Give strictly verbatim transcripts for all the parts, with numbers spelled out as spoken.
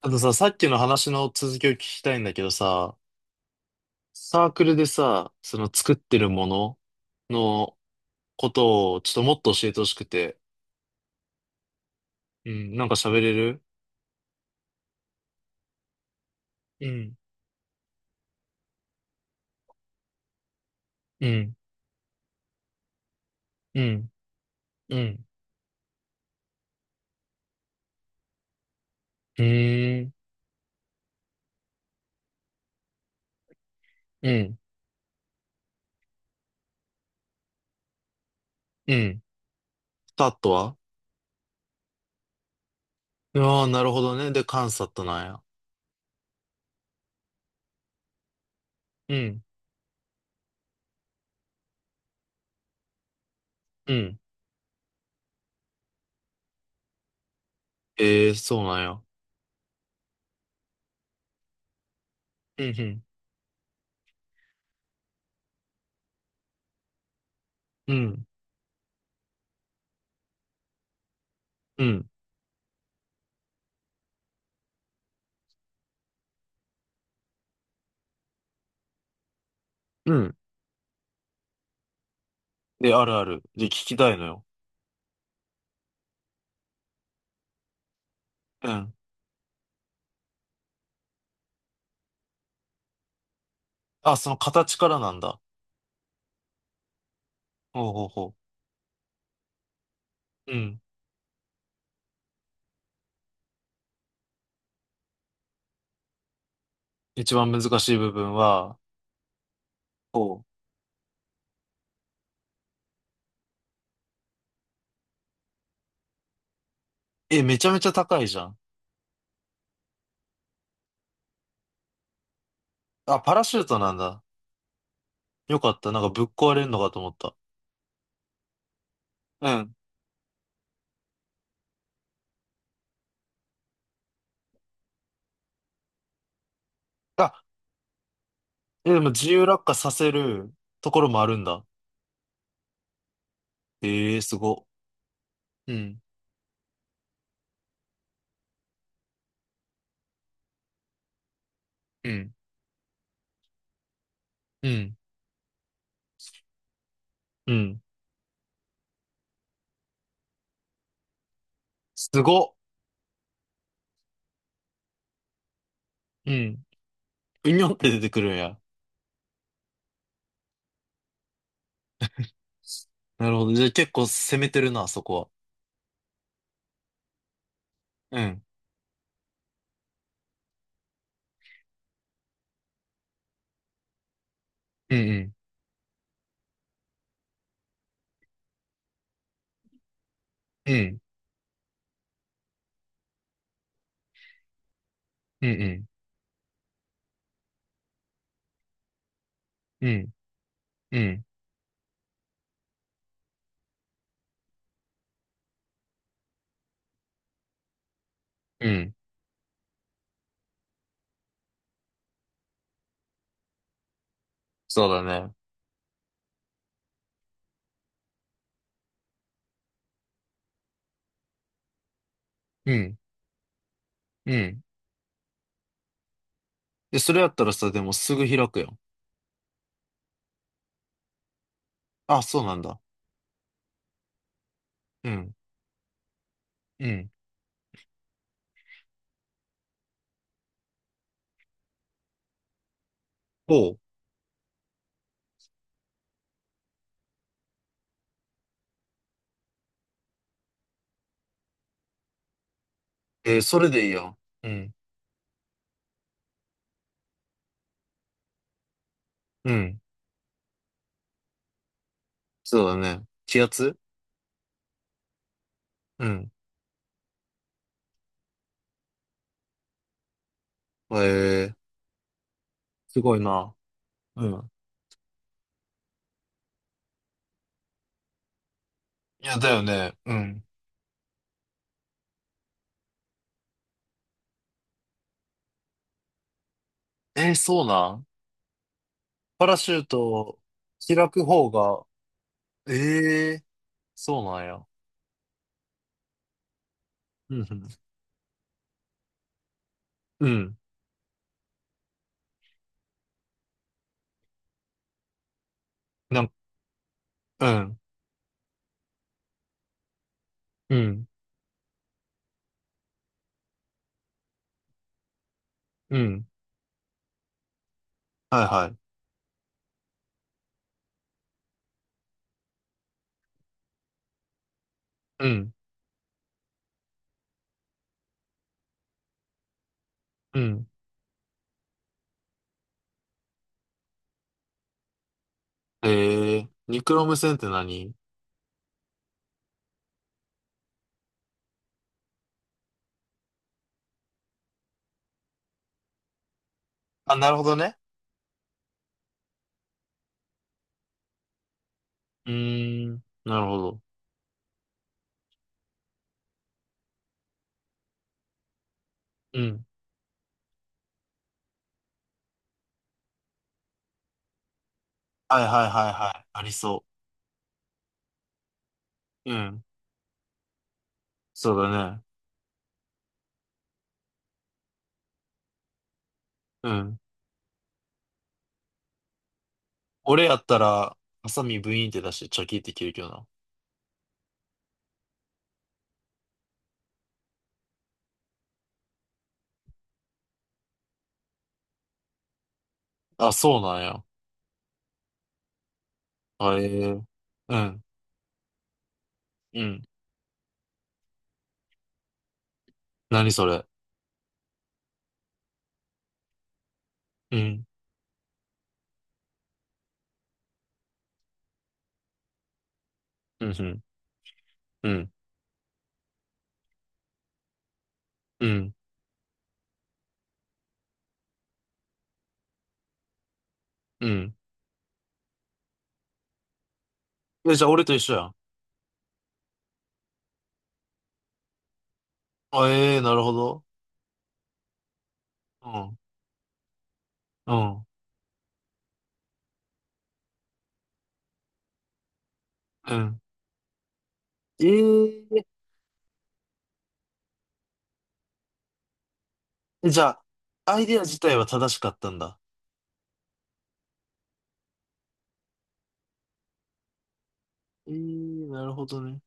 あとさ、さっきの話の続きを聞きたいんだけどさ、サークルでさ、その作ってるもののことをちょっともっと教えてほしくて。うん、なんか喋れる。うん、うん、うん、うん、うーん、うん、うん。タットは。ああ、ー、なるほどね。で、カンサットなんや。うん、うん。ええ、ー、そうなんや。うん、うん、うん、うん。で、あるある。で、聞きたいのよ。うん。あ、その形からなんだ。ほうほうほう。うん。一番難しい部分は、おう。え、めちゃめちゃ高いじゃん。あ、パラシュートなんだ。よかった。なんかぶっ壊れるのかと思った。うん。あ、え、でも自由落下させるところもあるんだ。ええ、すご。うん。うん。うん。うん。すご。うん。うにょって出てくるんや。なるほど。じゃあ結構攻めてるな、そこは。うん。うんうん。うん。うんうん。うん。うん。そうだね。うん。うん。で、それやったらさ、でもすぐ開くよ。あ、そうなんだ。うん。うん。おう。えー、それでいいよ。うん。うん。そうだね。気圧。うん。えー、すごいな。うん。いや、だよね。うん。えー、そうなん。パラシュート開く方が、えー、そうなんや。うん。うん。うんなん、うん。うん。うん。はいはい。うん。うん。えー、ニクロム線って何。あ、なるほどね。うーん。なるほど。うん。はいはいはいはい。ありそう。うん。そうだね。うん。俺やったら、ハサミブイーンって出してチョキって切るけどな。あ、そうなんや。あ、ええ、うん、うん。何それ。うん、うん、うん、うん、うん、うん。え、じゃあ俺と一緒やん。あ、ええ、なるほど。うん、うん、うん。ええ、じゃあ、アイデア自体は正しかったんだ。ええ、なるほどね。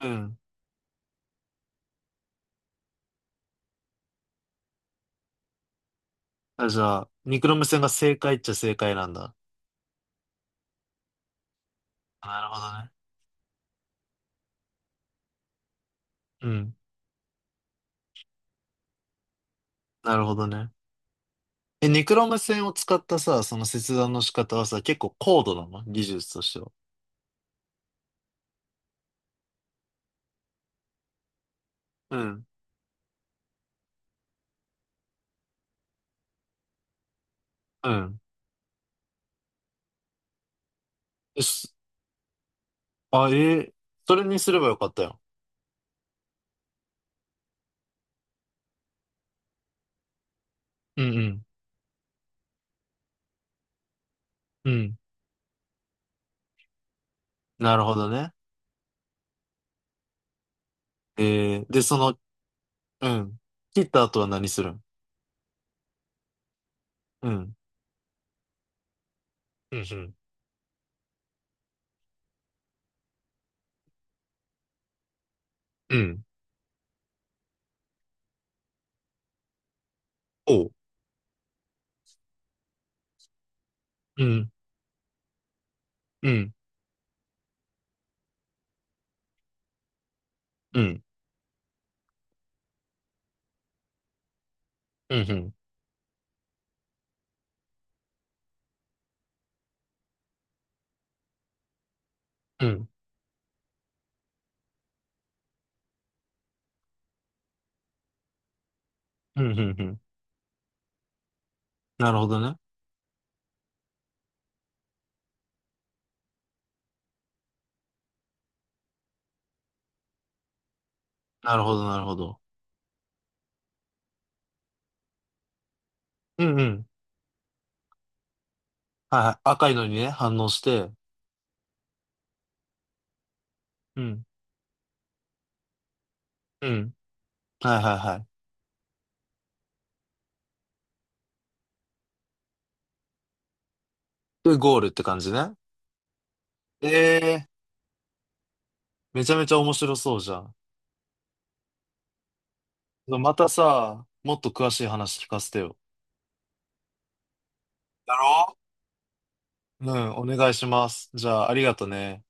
うん。あ、じゃあ、ニクロム線が正解っちゃ正解なんだ。なるほどね。うん、なるほどね。え、ニクロム線を使ったさ、その切断の仕方はさ、結構高度なの技術としては。うん。うん。え、す、あ、えー、それにすればよかったよ。うんうん。うん。なるほどね。えー、で、その、うん。切った後は何するん。うん。うんうん。うん。おう。うん。うん。うん。うんうん。うん。うんうんうん。なるほどね。なるほど、なるほど。うんうん。はいはい。赤いのにね、反応して。うん。うん。はいはいはい。で、ゴールって感じね。ええ、めちゃめちゃ面白そうじゃん。またさ、もっと詳しい話聞かせてよ。だろ。うん、お願いします。じゃあ、ありがとね。